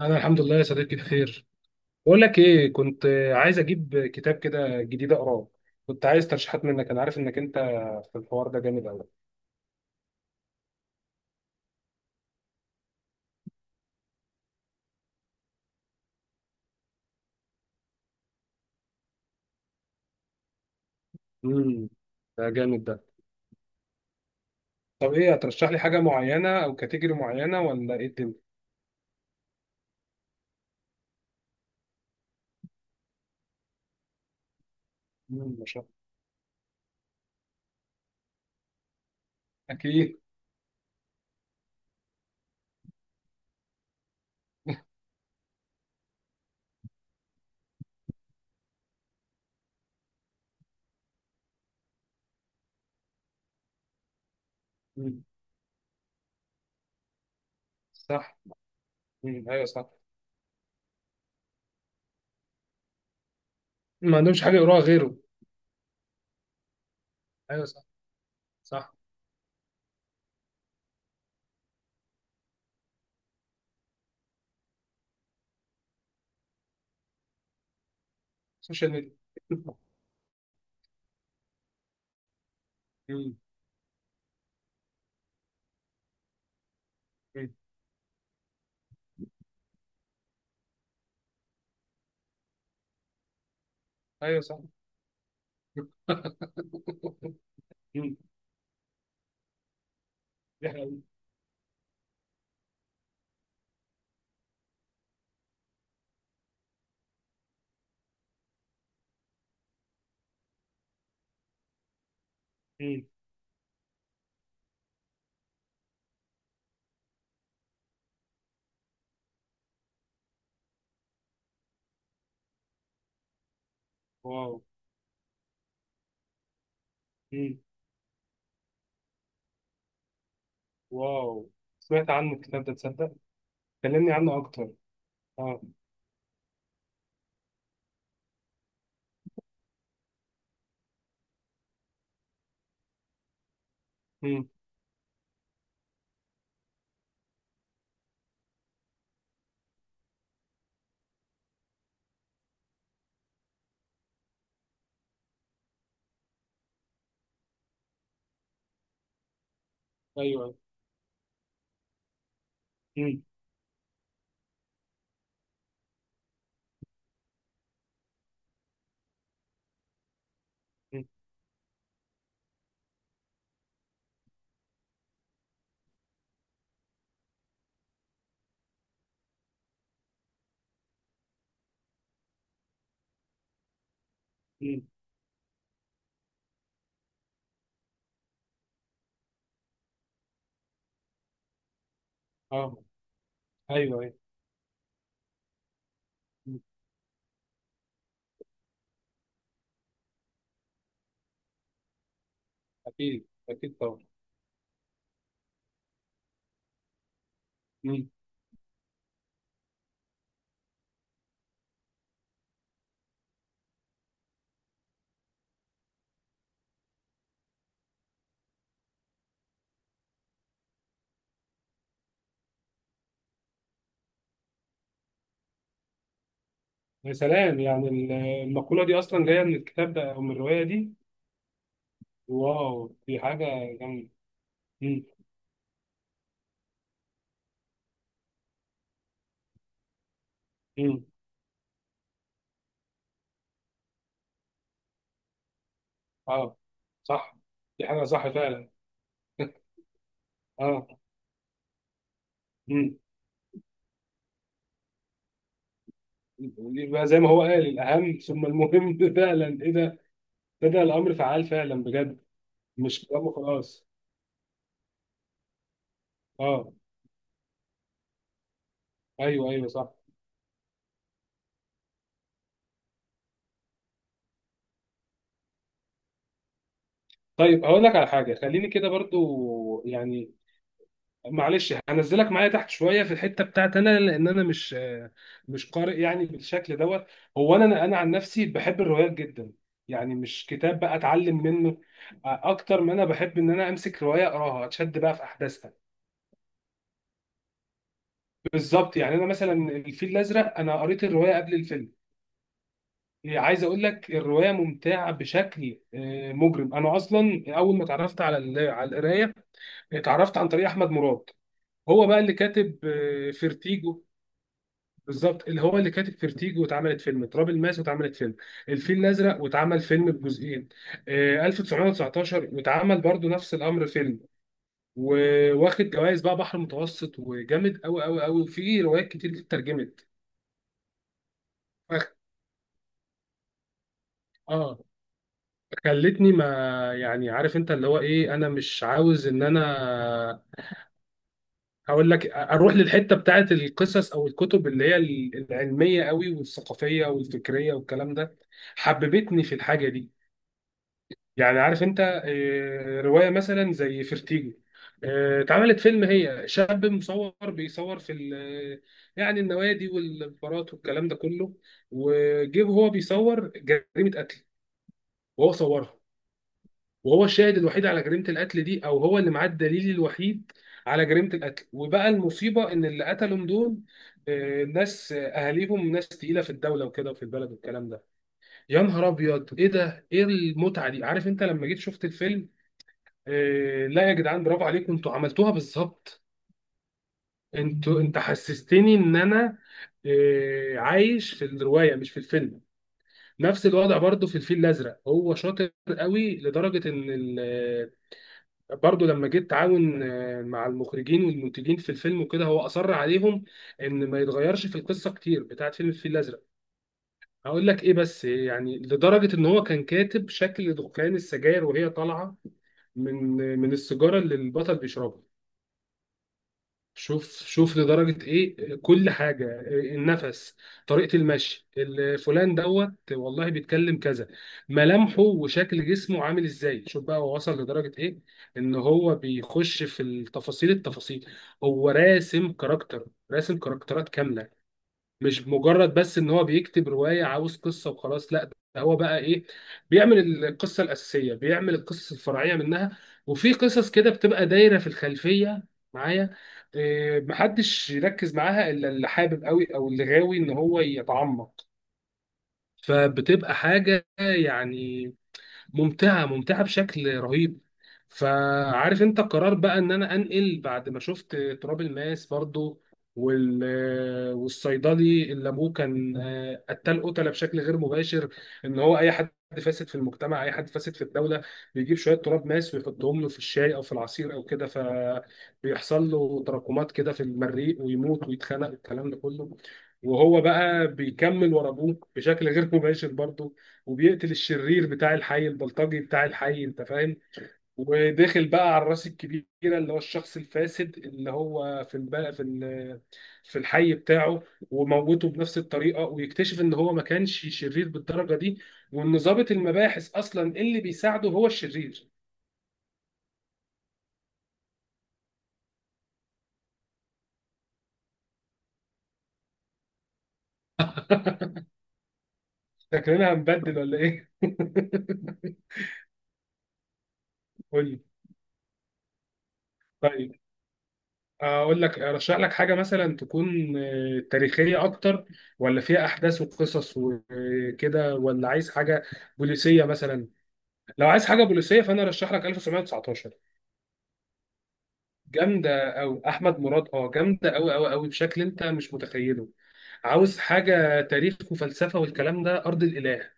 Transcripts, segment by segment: انا الحمد لله يا صديقي بخير. بقول لك ايه، كنت عايز اجيب كتاب كده جديد اقراه. كنت عايز ترشيحات منك، انا عارف انك انت في الحوار ده جامد قوي. امم ده جامد ده. طب ايه هترشح لي حاجه معينه او كاتيجوري معينه، ولا ايه الدنيا؟ ما شاء الله. اكيد. امم صح. ايوه صح. ما عندهمش حاجه يقراها غيره. ايوه صح. صح. سوشيال ميديا. امم. أمم. ايوه صح. امم. دي حقيقة. أمم. واو. واو، سمعت عنه الكتاب ده تصدق؟ كلمني عنه اكتر. اه. امم. ايوه. امم. امم. اه. ايوه ايوه. مم. اكيد اكيد طبعا. امم. يا سلام، يعني المقولة دي اصلا جاية من الكتاب ده او من الرواية دي؟ واو، دي حاجة جامدة. امم. امم. اه، صح. دي حاجة صح فعلا. اه. امم. يبقى زي ما هو قال، الاهم ثم المهم. فعلا ايه ده، ده الامر فعال فعلا بجد. مش كلامه خلاص. اه. ايوه ايوه صح. طيب هقول لك على حاجه، خليني كده برضو يعني، معلش، هنزلك معايا تحت شويه في الحته بتاعت انا، لان انا مش قارئ يعني بالشكل دوت. هو انا عن نفسي بحب الروايات جدا. يعني مش كتاب بقى اتعلم منه، اكتر ما انا بحب ان انا امسك روايه اقراها، اتشد بقى في احداثها. بالظبط. يعني انا مثلا الفيل الازرق، انا قريت الروايه قبل الفيلم. عايز اقول لك، الروايه ممتعه بشكل مجرم. انا اصلا اول ما اتعرفت على القرايه، اتعرفت عن طريق احمد مراد. هو بقى اللي كاتب فيرتيجو. بالظبط، اللي هو اللي كاتب فيرتيجو، واتعملت فيلم تراب الماس، واتعملت فيلم الفيل الازرق، واتعمل فيلم بجزئين 1919، واتعمل برضو نفس الامر فيلم. وواخد جوائز بقى بحر متوسط، وجامد قوي قوي قوي، وفي روايات كتير دي اترجمت. أخ- اه، خلتني ما، يعني عارف انت اللي هو ايه، انا مش عاوز ان انا، هقول لك اروح للحته بتاعت القصص او الكتب اللي هي العلميه قوي والثقافيه والفكريه والكلام ده. حببتني في الحاجه دي. يعني عارف انت، روايه مثلا زي فيرتيجو، اتعملت فيلم، هي شاب مصور بيصور في يعني النوادي والبارات والكلام ده كله، وجه هو بيصور جريمه قتل، وهو صورها، وهو الشاهد الوحيد على جريمه القتل دي، او هو اللي معاه الدليل الوحيد على جريمه القتل. وبقى المصيبه ان اللي قتلهم دول ناس، اهاليهم ناس تقيله في الدوله وكده وفي البلد والكلام ده. يا نهار ابيض، ايه ده، ايه المتعه دي! عارف انت لما جيت شفت الفيلم، لا يا جدعان، برافو عليكم، انتوا عملتوها بالظبط. انتوا، انت حسستني ان انا عايش في الروايه مش في الفيلم. نفس الوضع برضو في الفيل الازرق. هو شاطر قوي لدرجه ان برضه لما جيت اتعاون مع المخرجين والمنتجين في الفيلم وكده، هو اصر عليهم ان ما يتغيرش في القصه كتير بتاعت فيلم الفيل الازرق. هقول لك ايه بس، يعني لدرجه ان هو كان كاتب شكل دخان السجاير وهي طالعه من السيجاره اللي البطل بيشربها. شوف شوف لدرجة ايه كل حاجة، إيه النفس، طريقة المشي، فلان دوت والله بيتكلم كذا، ملامحه، وشكل جسمه عامل ازاي. شوف بقى هو وصل لدرجة ايه، ان هو بيخش في التفاصيل التفاصيل. هو راسم كاركترات كاملة. مش مجرد بس ان هو بيكتب روايه عاوز قصه وخلاص، لا ده هو بقى ايه، بيعمل القصه الاساسيه، بيعمل القصص الفرعيه منها، وفي قصص كده بتبقى دايره في الخلفيه معايا، محدش يركز معاها الا اللي حابب قوي، او اللي غاوي ان هو يتعمق. فبتبقى حاجه يعني ممتعه، ممتعه بشكل رهيب. فعارف انت قرار بقى ان انا انقل بعد ما شفت تراب الماس برضو، وال والصيدلي اللي ابوه كان قتال، قتله بشكل غير مباشر، ان هو اي حد فاسد في المجتمع، اي حد فاسد في الدوله، بيجيب شويه تراب ماس ويحطهم له في الشاي او في العصير او كده، فبيحصل له تراكمات كده في المريء ويموت ويتخنق، الكلام ده كله. وهو بقى بيكمل ورا ابوه بشكل غير مباشر برضه، وبيقتل الشرير بتاع الحي، البلطجي بتاع الحي، انت فاهم. وداخل بقى على الراس الكبيره اللي هو الشخص الفاسد اللي هو في الب... في ال... في الحي بتاعه، وموته بنفس الطريقه، ويكتشف ان هو ما كانش شرير بالدرجه دي، وان ضابط المباحث اصلا اللي بيساعده هو الشرير. شكلنا هنبدل، ولا ايه؟ قول لي. طيب اقول لك، ارشح لك حاجه مثلا تكون تاريخيه اكتر، ولا فيها احداث وقصص وكده، ولا عايز حاجه بوليسيه مثلا؟ لو عايز حاجه بوليسيه، فانا ارشح لك 1919. جامده. او احمد مراد، جامده قوي قوي قوي بشكل انت مش متخيله. عاوز حاجه تاريخ وفلسفه والكلام ده، ارض الاله.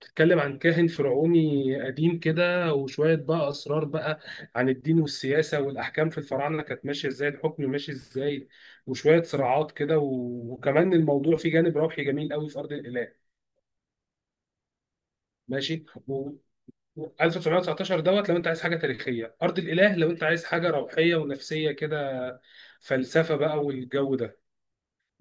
بتتكلم عن كاهن فرعوني قديم كده، وشوية بقى أسرار بقى عن الدين والسياسة والأحكام، في الفراعنة كانت ماشية إزاي، الحكم ماشي إزاي، وشوية صراعات كده، وكمان الموضوع فيه جانب روحي جميل قوي في أرض الإله. ماشي. 1919 دوت لو أنت عايز حاجة تاريخية، أرض الإله لو أنت عايز حاجة روحية ونفسية كده، فلسفة بقى والجو ده،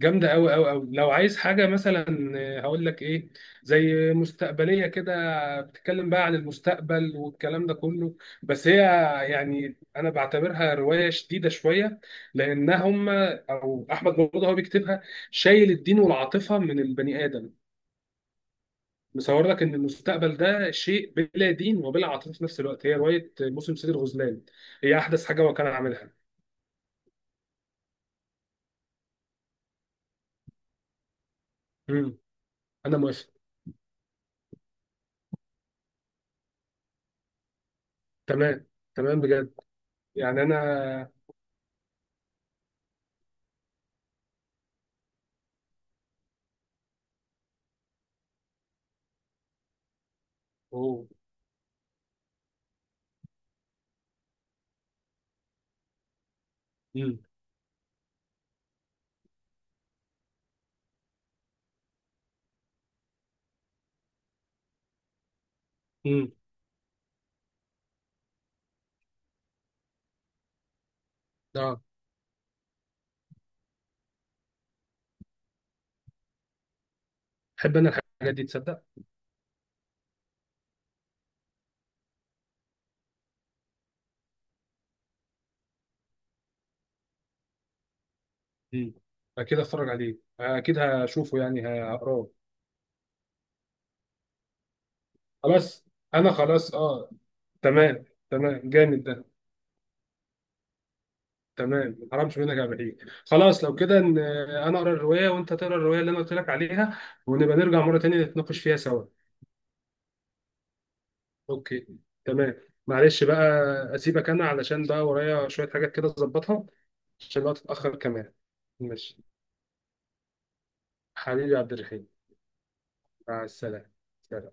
جامدة أوي أوي أوي. لو عايز حاجة مثلا، هقول لك إيه، زي مستقبلية كده، بتتكلم بقى عن المستقبل والكلام ده كله، بس هي يعني أنا بعتبرها رواية شديدة شوية، لأنها أو أحمد مراد هو بيكتبها شايل الدين والعاطفة من البني آدم. مصور لك إن المستقبل ده شيء بلا دين وبلا عاطفة في نفس الوقت. هي رواية موسم سيد الغزلان، هي أحدث حاجة هو كان عاملها. مم. أنا موافق. تمام، تمام بجد. يعني أنا. أوه. امم اه بحب انا الحاجات دي تصدق. امم. اكيد اتفرج عليه، اكيد هشوفه يعني هقراه. خلاص. انا خلاص، اه. تمام تمام، جامد ده. تمام، ما حرمش منك يا بحيي. خلاص لو كده، انا اقرا الروايه وانت تقرا الروايه اللي انا قلت لك عليها، ونبقى نرجع مره تانية نتناقش فيها سوا. اوكي. تمام. معلش بقى، اسيبك انا علشان بقى ورايا شويه حاجات كده اظبطها، عشان الوقت اتاخر كمان. ماشي. حبيبي يا عبد الرحيم. مع السلامه. سلام.